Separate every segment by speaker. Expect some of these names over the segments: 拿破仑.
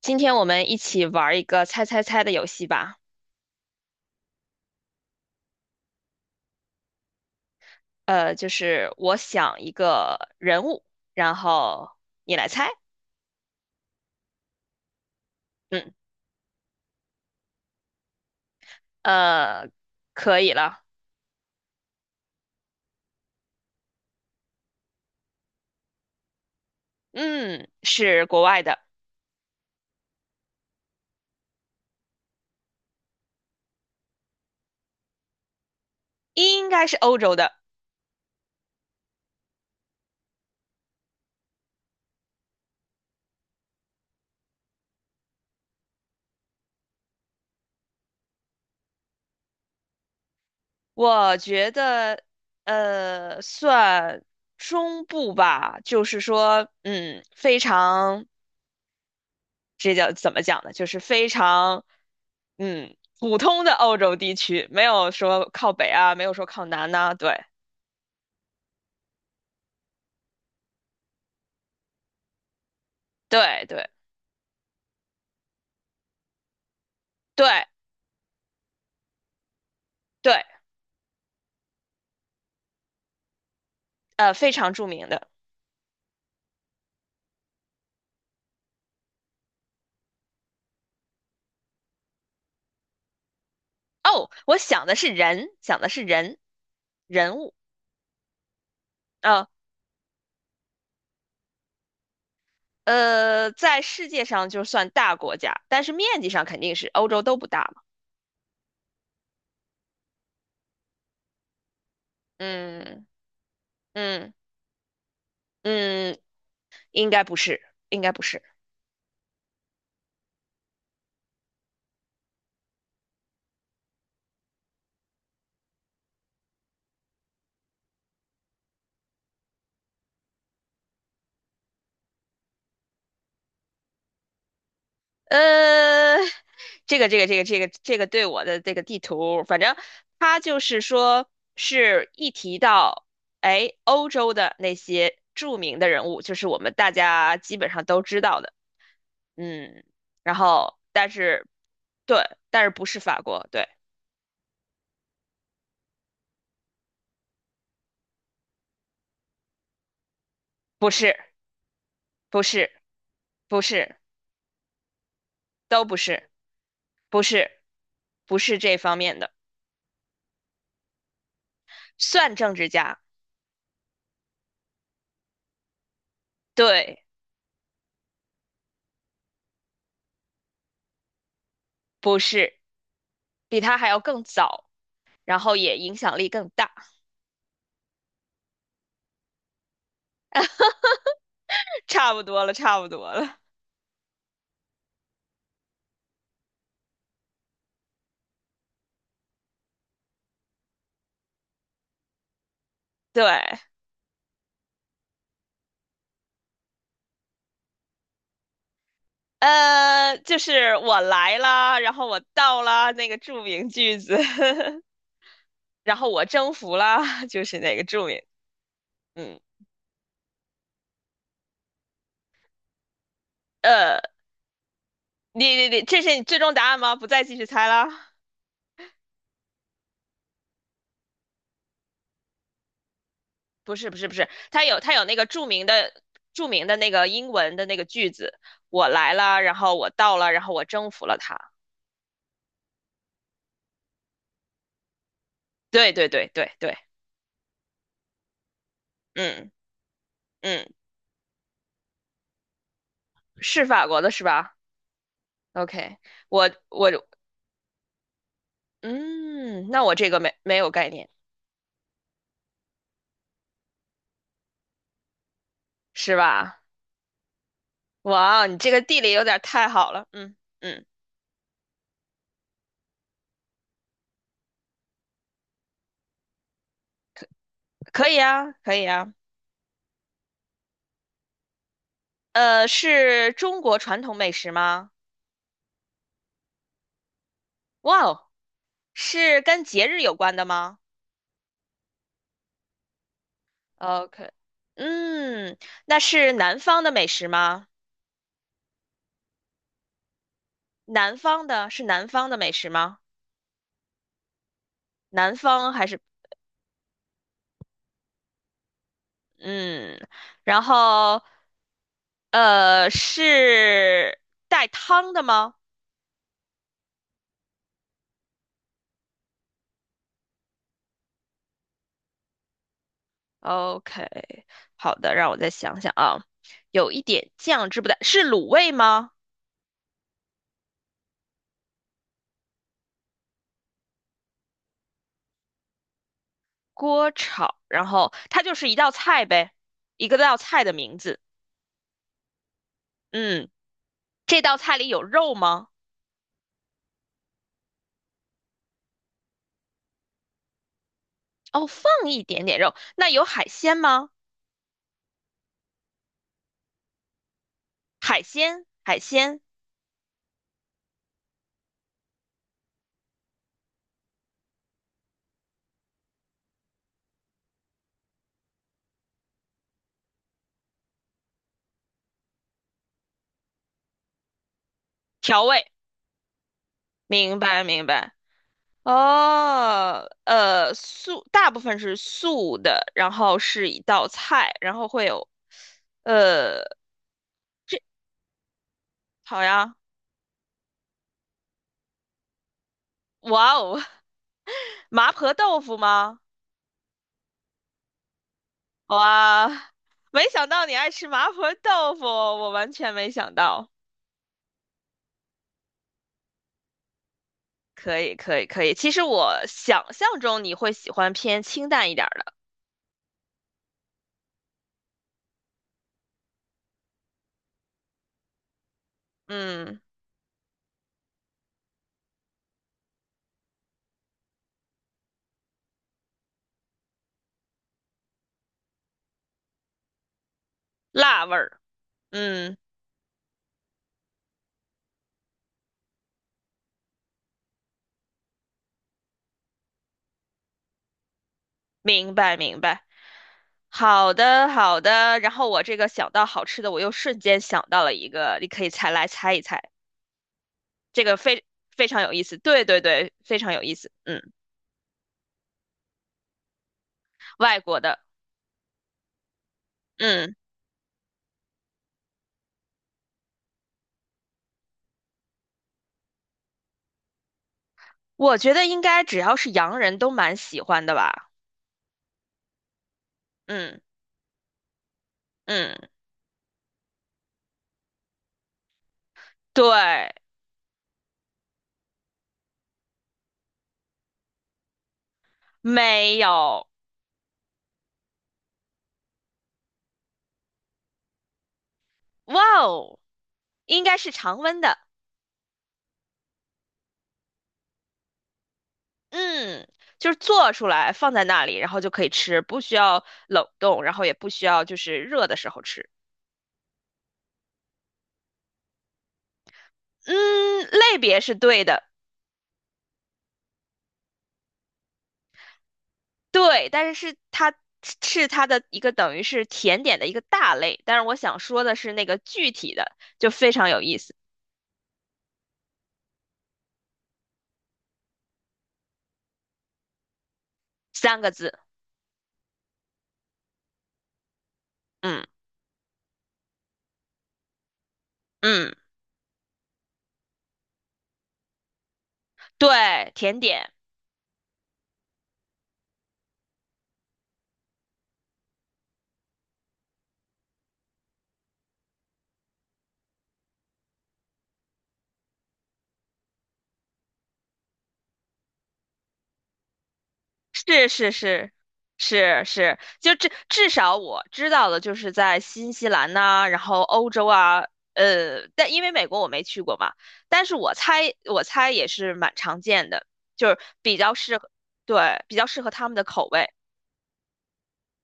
Speaker 1: 今天我们一起玩一个猜猜猜的游戏吧。就是我想一个人物，然后你来猜。嗯，呃，可以了。嗯，是国外的，应该是欧洲的。我觉得，算中部吧。就是说，嗯，非常，这叫怎么讲呢？就是非常，嗯，普通的欧洲地区，没有说靠北啊，没有说靠南呐，对。对对对对，非常著名的。哦，我想的是人，想的是人，人物。呃在世界上就算大国家，但是面积上肯定是欧洲都不大嘛。嗯嗯嗯，应该不是，应该不是。呃，这个对我的这个地图，反正它就是说是一提到。哎，欧洲的那些著名的人物，就是我们大家基本上都知道的。嗯，然后但是，对，但是不是法国，对，不是，不是，不是，都不是，不是，不是这方面的，算政治家，对，不是，比他还要更早，然后也影响力更大，差不多了，差不多了，对，就是我来啦，然后我到啦，那个著名句子，然后我征服啦，就是那个著名，嗯。呃。你你你，这是你最终答案吗？不再继续猜了？不是不是不是，它有那个著名的著名的那个英文的那个句子，我来了，然后我到了，然后我征服了它。对对对对对，嗯嗯，是法国的是吧？OK,我我嗯，那我这个没有概念是吧？哇哦，你这个地理有点太好了，嗯嗯，可以啊可以啊，呃，是中国传统美食吗？哇哦，是跟节日有关的吗？OK,嗯，那是南方的美食吗？南方的是南方的美食吗？南方还是嗯，然后是带汤的吗？OK,好的，让我再想想啊，有一点酱汁不带，是卤味吗？锅炒，然后它就是一道菜呗，一个道菜的名字。嗯，这道菜里有肉吗？哦，放一点点肉，那有海鲜吗？海鲜，海鲜调味，明白明白。哦，呃，素大部分是素的，然后是一道菜，然后会有，呃，好呀，哇哦，麻婆豆腐吗？哇，没想到你爱吃麻婆豆腐，我完全没想到。可以可以可以，其实我想象中你会喜欢偏清淡一点儿的，嗯，辣味儿，嗯，明白明白。好的，好的。然后我这个想到好吃的，我又瞬间想到了一个，你可以猜来猜一猜，这个非常有意思。对对对，非常有意思。嗯，外国的，嗯，我觉得应该只要是洋人都蛮喜欢的吧。嗯嗯，对，没有，哇哦，应该是常温的。嗯，就是做出来放在那里，然后就可以吃，不需要冷冻，然后也不需要就是热的时候吃。嗯，类别是对的。对，但是是它的一个等于是甜点的一个大类，但是我想说的是那个具体的就非常有意思，三个字，嗯嗯，对，甜点，是是是是是，就至少我知道的就是在新西兰呐、然后欧洲啊，呃，但因为美国我没去过嘛，但是我猜也是蛮常见的，就是比较适合，对，比较适合他们的口味。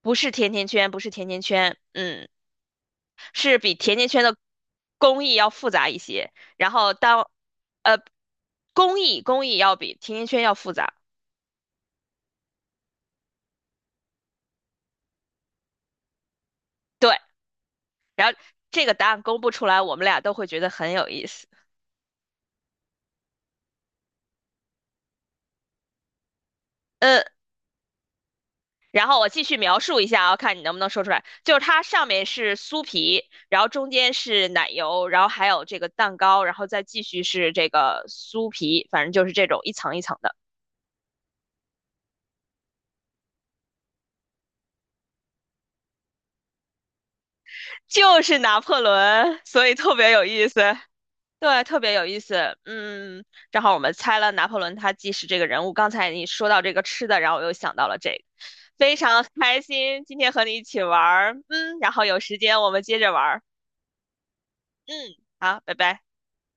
Speaker 1: 不是甜甜圈，不是甜甜圈，嗯。是比甜甜圈的工艺要复杂一些，然后当呃工艺要比甜甜圈要复杂，对，然后这个答案公布出来，我们俩都会觉得很有意思，嗯，然后我继续描述一下啊，看你能不能说出来。就是它上面是酥皮，然后中间是奶油，然后还有这个蛋糕，然后再继续是这个酥皮，反正就是这种一层一层的，就是拿破仑，所以特别有意思。对，特别有意思。嗯，正好我们猜了拿破仑他既是这个人物，刚才你说到这个吃的，然后我又想到了这个，非常开心今天和你一起玩儿。嗯，然后有时间我们接着玩儿。嗯，好，拜拜。